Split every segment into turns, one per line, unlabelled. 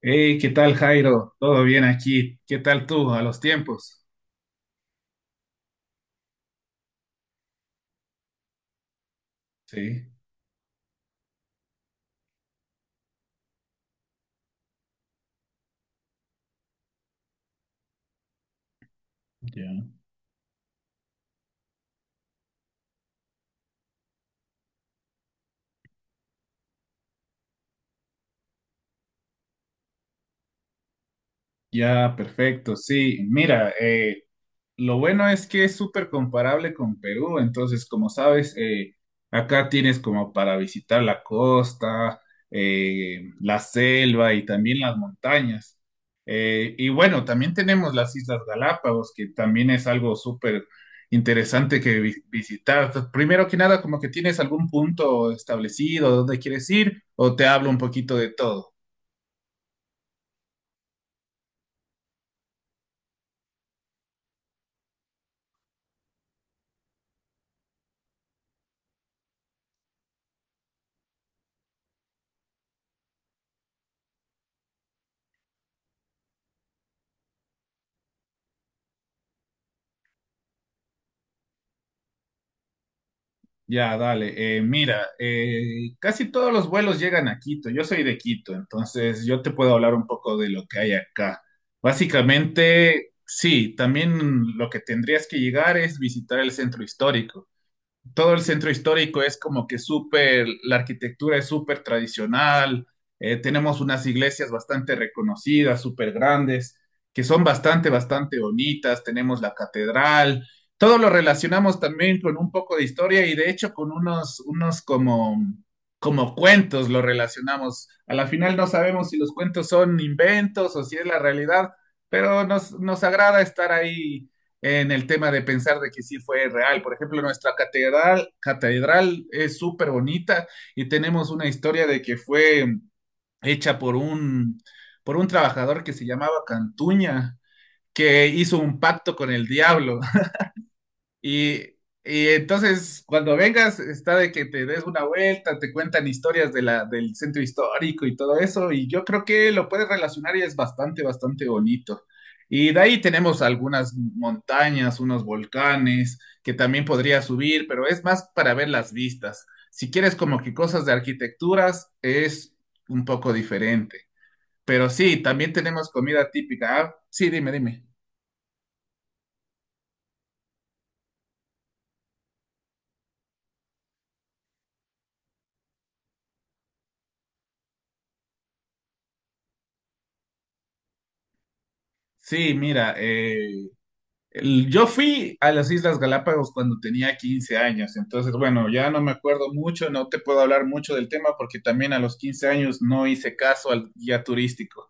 Hey, ¿qué tal, Jairo? ¿Todo bien aquí? ¿Qué tal tú a los tiempos? Sí. Ya. Ya, perfecto. Sí, mira, lo bueno es que es súper comparable con Perú. Entonces, como sabes, acá tienes como para visitar la costa, la selva y también las montañas. Y bueno, también tenemos las Islas Galápagos, que también es algo súper interesante que visitar. Primero que nada, ¿como que tienes algún punto establecido dónde quieres ir, o te hablo un poquito de todo? Ya, dale. Mira, casi todos los vuelos llegan a Quito. Yo soy de Quito, entonces yo te puedo hablar un poco de lo que hay acá. Básicamente, sí, también lo que tendrías que llegar es visitar el centro histórico. Todo el centro histórico es como que súper, la arquitectura es súper tradicional. Tenemos unas iglesias bastante reconocidas, súper grandes, que son bastante, bastante bonitas. Tenemos la catedral, todo lo relacionamos también con un poco de historia, y de hecho con unos como, como cuentos lo relacionamos. A la final no sabemos si los cuentos son inventos o si es la realidad, pero nos agrada estar ahí en el tema de pensar de que sí fue real. Por ejemplo, nuestra catedral, catedral es súper bonita, y tenemos una historia de que fue hecha por por un trabajador que se llamaba Cantuña, que hizo un pacto con el diablo. Y, y entonces, cuando vengas, está de que te des una vuelta, te cuentan historias de del centro histórico y todo eso, y yo creo que lo puedes relacionar, y es bastante, bastante bonito. Y de ahí tenemos algunas montañas, unos volcanes que también podría subir, pero es más para ver las vistas. Si quieres como que cosas de arquitecturas, es un poco diferente. Pero sí, también tenemos comida típica. Ah, sí, dime, dime. Sí, mira, yo fui a las Islas Galápagos cuando tenía 15 años. Entonces, bueno, ya no me acuerdo mucho, no te puedo hablar mucho del tema porque también a los 15 años no hice caso al guía turístico.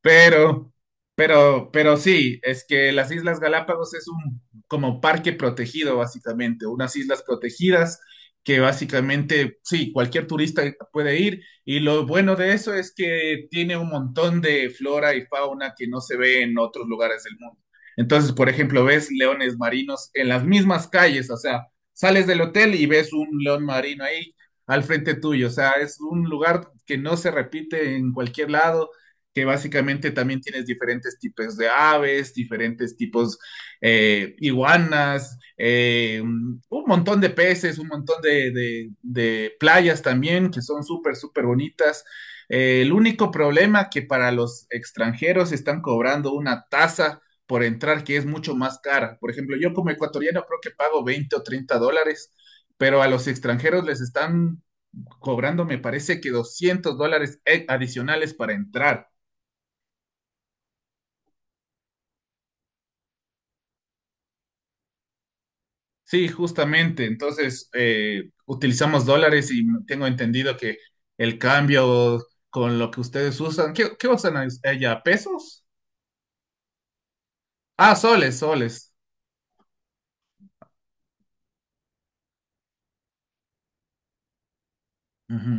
Pero, pero sí, es que las Islas Galápagos es un como parque protegido, básicamente, unas islas protegidas que básicamente, sí, cualquier turista puede ir. Y lo bueno de eso es que tiene un montón de flora y fauna que no se ve en otros lugares del mundo. Entonces, por ejemplo, ves leones marinos en las mismas calles. O sea, sales del hotel y ves un león marino ahí al frente tuyo. O sea, es un lugar que no se repite en cualquier lado, que básicamente también tienes diferentes tipos de aves, diferentes tipos iguanas, un montón de peces, un montón de, de playas también que son súper, súper bonitas. El único problema que para los extranjeros están cobrando una tasa por entrar que es mucho más cara. Por ejemplo, yo como ecuatoriano creo que pago $20 o $30, pero a los extranjeros les están cobrando, me parece que $200 adicionales para entrar. Sí, justamente. Entonces, utilizamos dólares, y tengo entendido que el cambio con lo que ustedes usan, ¿qué, qué usan allá? ¿Pesos? Ah, soles, soles. Ujú.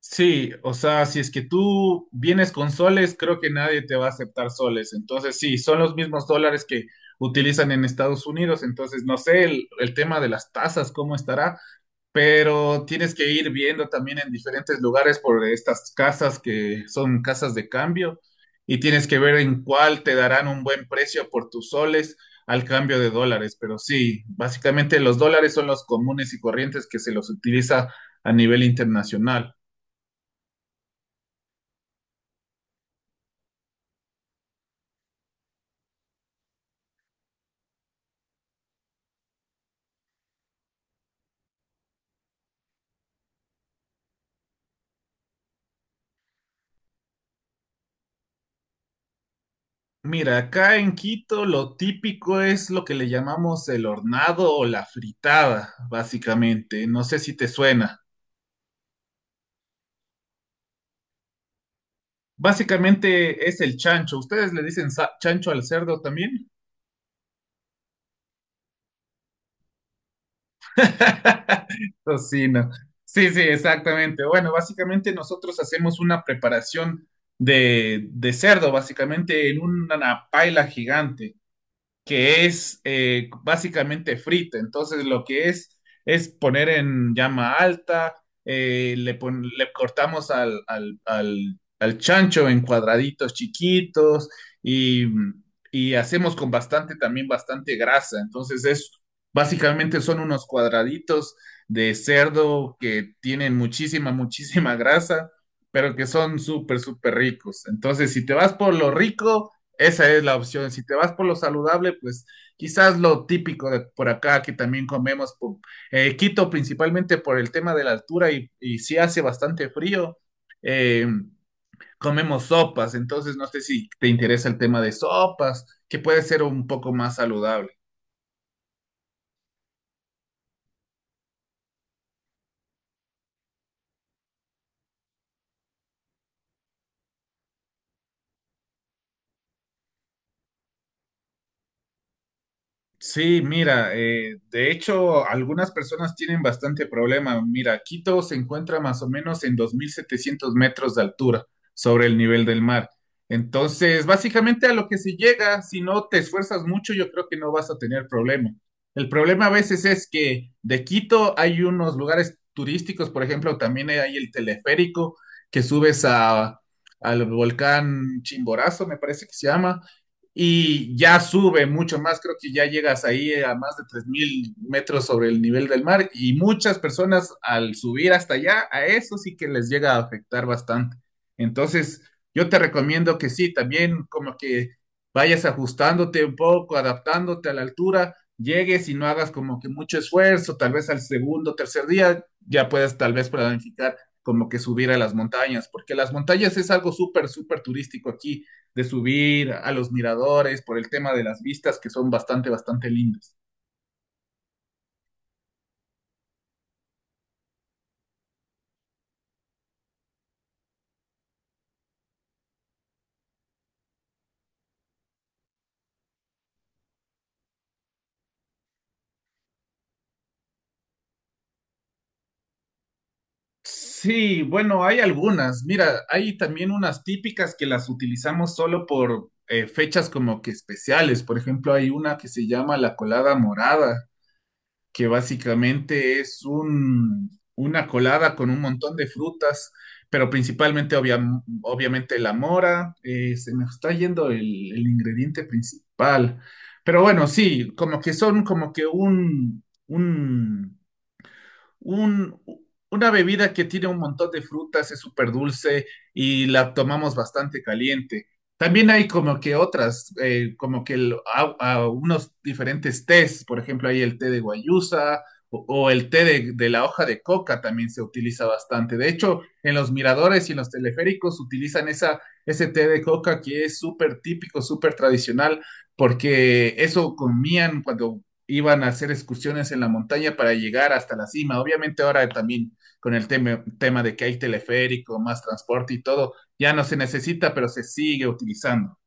Sí, o sea, si es que tú vienes con soles, creo que nadie te va a aceptar soles. Entonces, sí, son los mismos dólares que utilizan en Estados Unidos. Entonces, no sé el tema de las tasas, ¿cómo estará? Pero tienes que ir viendo también en diferentes lugares por estas casas que son casas de cambio, y tienes que ver en cuál te darán un buen precio por tus soles al cambio de dólares. Pero sí, básicamente los dólares son los comunes y corrientes que se los utiliza a nivel internacional. Mira, acá en Quito lo típico es lo que le llamamos el hornado o la fritada, básicamente. No sé si te suena. Básicamente es el chancho. ¿Ustedes le dicen chancho al cerdo también? Tocino. Sí, sí, exactamente. Bueno, básicamente nosotros hacemos una preparación de cerdo, básicamente en una paila gigante que es básicamente frita. Entonces, lo que es poner en llama alta, le cortamos al chancho en cuadraditos chiquitos, y, y hacemos con bastante, también bastante grasa. Entonces es básicamente, son unos cuadraditos de cerdo que tienen muchísima, muchísima grasa, pero que son súper, súper ricos. Entonces, si te vas por lo rico, esa es la opción. Si te vas por lo saludable, pues quizás lo típico de por acá que también comemos, Quito principalmente por el tema de la altura, y si hace bastante frío, eh, comemos sopas. Entonces, no sé si te interesa el tema de sopas, que puede ser un poco más saludable. Sí, mira, de hecho, algunas personas tienen bastante problema. Mira, Quito se encuentra más o menos en 2.700 metros de altura sobre el nivel del mar. Entonces, básicamente a lo que se llega, si no te esfuerzas mucho, yo creo que no vas a tener problema. El problema a veces es que de Quito hay unos lugares turísticos. Por ejemplo, también hay el teleférico que subes a, al volcán Chimborazo, me parece que se llama, y ya sube mucho más. Creo que ya llegas ahí a más de 3.000 metros sobre el nivel del mar, y muchas personas al subir hasta allá, a eso sí que les llega a afectar bastante. Entonces, yo te recomiendo que sí, también como que vayas ajustándote un poco, adaptándote a la altura, llegues y no hagas como que mucho esfuerzo. Tal vez al segundo, tercer día ya puedes tal vez planificar como que subir a las montañas, porque las montañas es algo súper, súper turístico aquí, de subir a los miradores por el tema de las vistas que son bastante, bastante lindas. Sí, bueno, hay algunas. Mira, hay también unas típicas que las utilizamos solo por fechas como que especiales. Por ejemplo, hay una que se llama la colada morada, que básicamente es un, una colada con un montón de frutas, pero principalmente obviamente la mora. Se me está yendo el ingrediente principal, pero bueno, sí, como que son como que un, una bebida que tiene un montón de frutas, es súper dulce y la tomamos bastante caliente. También hay como que otras, como que a unos diferentes tés. Por ejemplo, hay el té de guayusa, o el té de la hoja de coca también se utiliza bastante. De hecho, en los miradores y en los teleféricos utilizan esa, ese té de coca que es súper típico, súper tradicional, porque eso comían cuando iban a hacer excursiones en la montaña para llegar hasta la cima. Obviamente, ahora también con el tema de que hay teleférico, más transporte y todo, ya no se necesita, pero se sigue utilizando.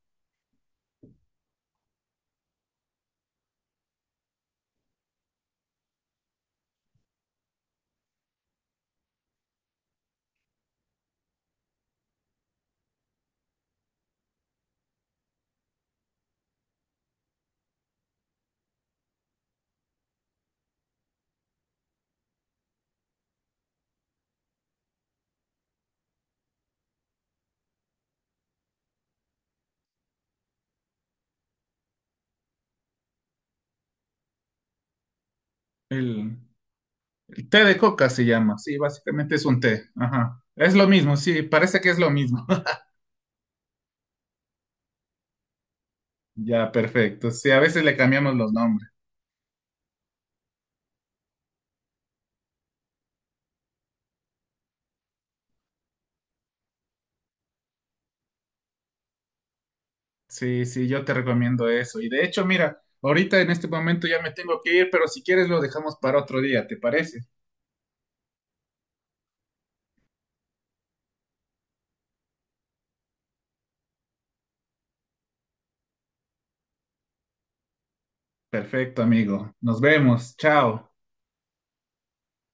El, el té de coca se llama, sí, básicamente es un té. Ajá. Es lo mismo, sí, parece que es lo mismo. Ya, perfecto. Sí, a veces le cambiamos los nombres. Sí, sí, yo te recomiendo eso. Y de hecho, mira, ahorita en este momento ya me tengo que ir, pero si quieres lo dejamos para otro día, ¿te parece? Perfecto, amigo. Nos vemos. Chao.